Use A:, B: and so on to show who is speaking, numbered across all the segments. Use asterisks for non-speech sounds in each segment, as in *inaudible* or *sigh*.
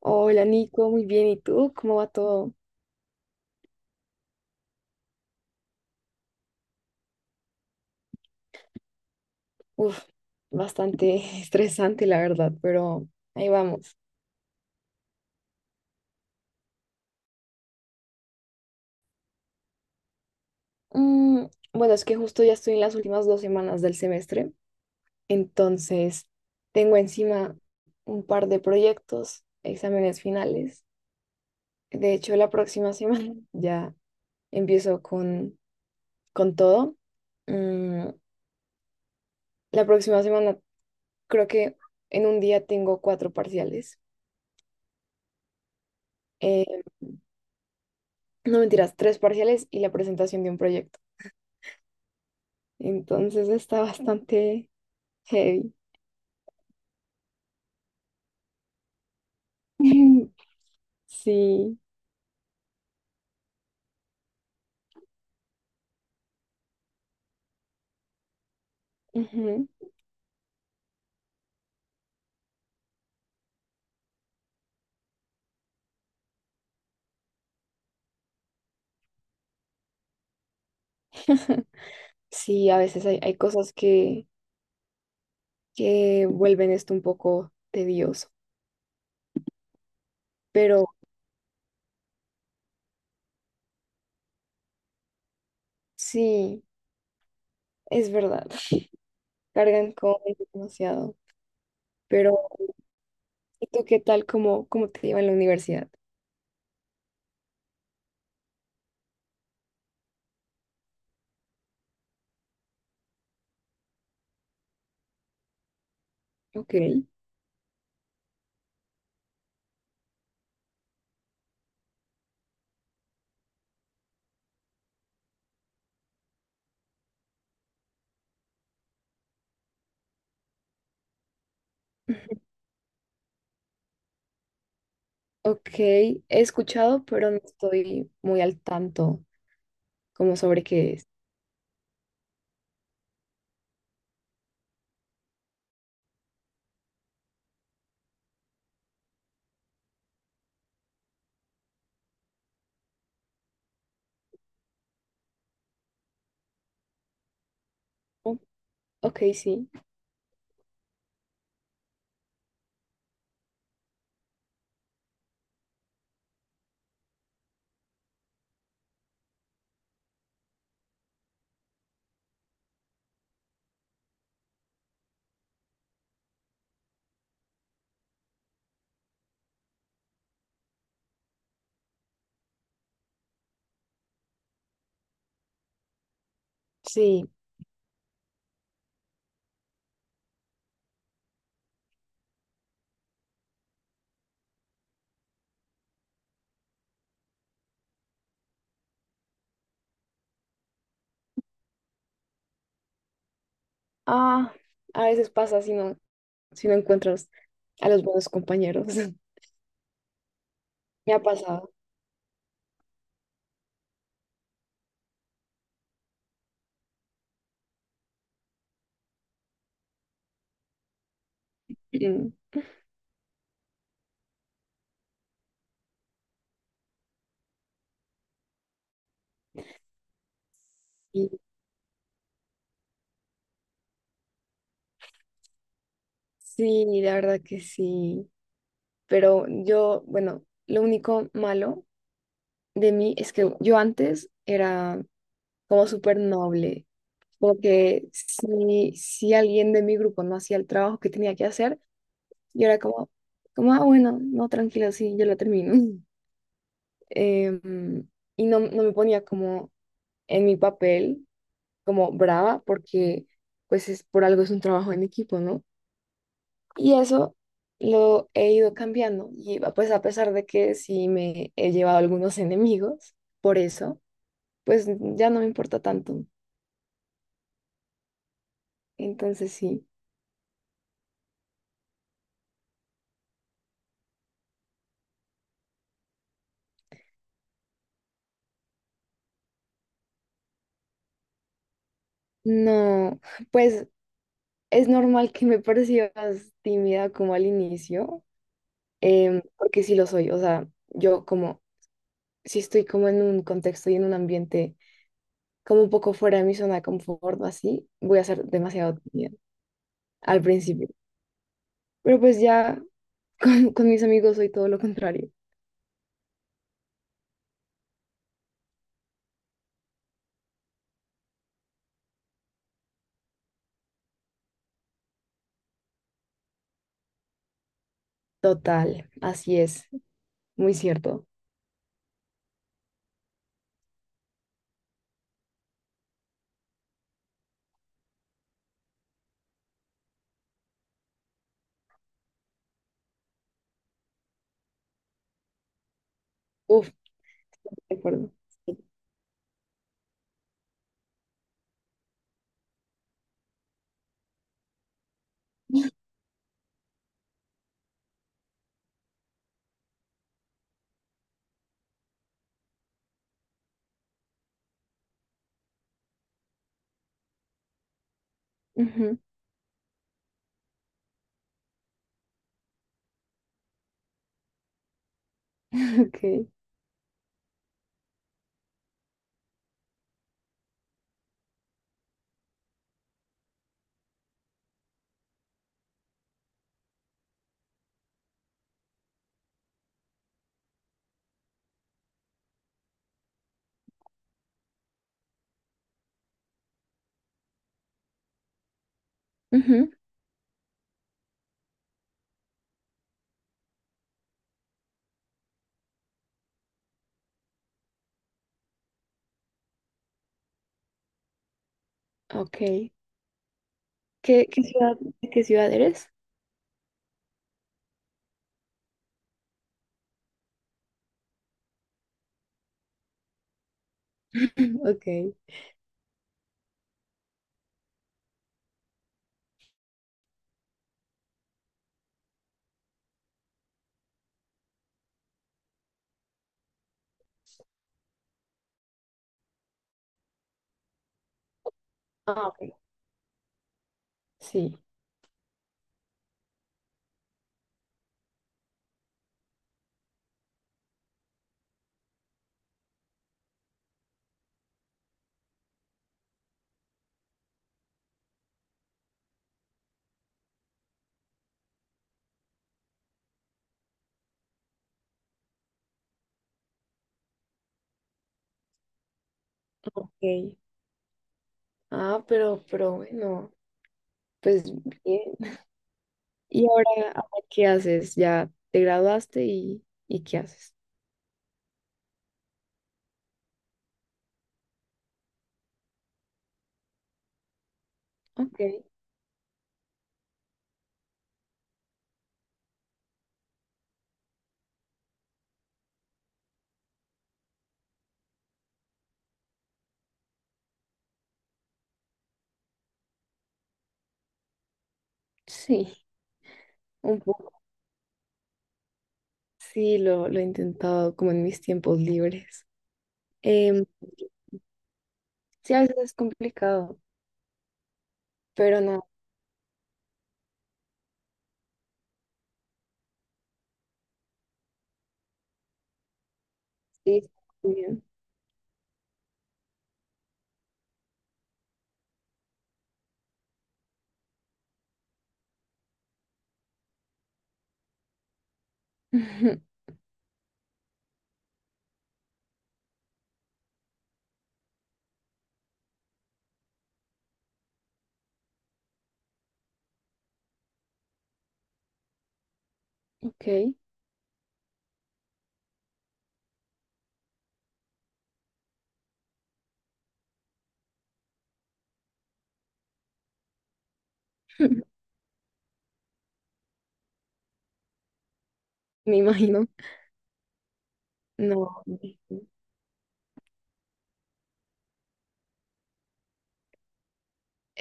A: Hola Nico, muy bien. ¿Y tú? ¿Cómo va todo? Uf, bastante *laughs* estresante la verdad, pero ahí vamos. Mm, bueno, es que justo ya estoy en las últimas dos semanas del semestre, entonces tengo encima un par de proyectos, exámenes finales. De hecho, la próxima semana *laughs* ya empiezo con todo. Mm, la próxima semana creo que en un día tengo cuatro parciales. Eh, no mentiras, tres parciales y la presentación de un proyecto. Entonces está bastante heavy. *laughs* Sí. Ujú. Sí, a veces hay cosas que vuelven esto un poco tedioso, pero sí, es verdad, *laughs* cargan con demasiado. Pero, ¿y tú qué tal? ¿Cómo te lleva en la universidad? Ok. Ujú. Ok, he escuchado, pero no estoy muy al tanto como sobre qué es. Oh, ok, sí, sí. Ah, a veces pasa así, ¿no? Si no encuentras a los buenos compañeros. *laughs* Me ha pasado. Mm, Y sí, la verdad que sí. Pero yo, bueno, lo único malo de mí es que yo antes era como súper noble. Como que si alguien de mi grupo no hacía el trabajo que tenía que hacer, yo era como, ah, bueno, no, tranquila, sí, yo lo termino. *laughs* Em, y no, no me ponía como en mi papel como brava porque pues es por algo, es un trabajo en equipo, ¿no? Y eso lo he ido cambiando y pues a pesar de que sí me he llevado algunos enemigos por eso, pues ya no me importa tanto. Entonces sí, no, pues es normal que me *laughs* percibas tímida como al inicio, porque sí lo soy, o sea, yo como, si estoy como en un contexto y en un ambiente como un poco fuera de mi zona de confort o así, voy a ser demasiado tímida. Al principio. Pero pues ya *laughs* con mis amigos soy todo lo contrario. Total, así es, muy cierto. Uf, de acuerdo. Sí. Ujú, *laughs* ok, ujú, ok. ¿Qué, qué ciudad, de qué ciudad eres? *clears throat* Ok. Ah, ok. Sí, ok. Ah, pero bueno, pues bien. ¿Y ahora qué haces? ¿Ya te graduaste y qué haces? Ok, sí, un poco. Sí, lo he intentado como en mis tiempos libres. Em, sí, a veces es complicado, pero no, sí, está muy bien. *laughs* Ok, *laughs* me imagino. No, no.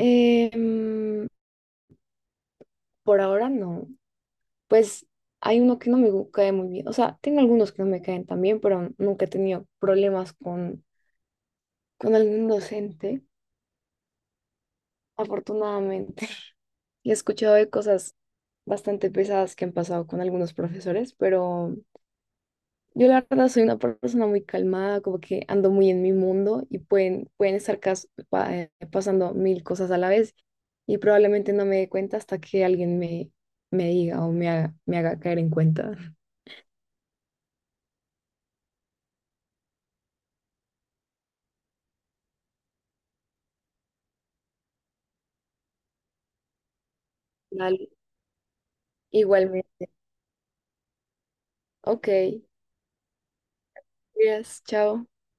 A: Em, por ahora no. Pues hay uno que no me cae muy bien. O sea, tengo algunos que no me caen tan bien, pero nunca he tenido problemas con algún docente, afortunadamente. *laughs* Y he escuchado de cosas bastante pesadas que han pasado con algunos profesores, pero yo la verdad soy una persona muy calmada, como que ando muy en mi mundo y pueden estar pasando mil cosas a la vez y probablemente no me dé cuenta hasta que alguien me diga o me haga caer en cuenta. Dale, igualmente. Ok, gracias, chao.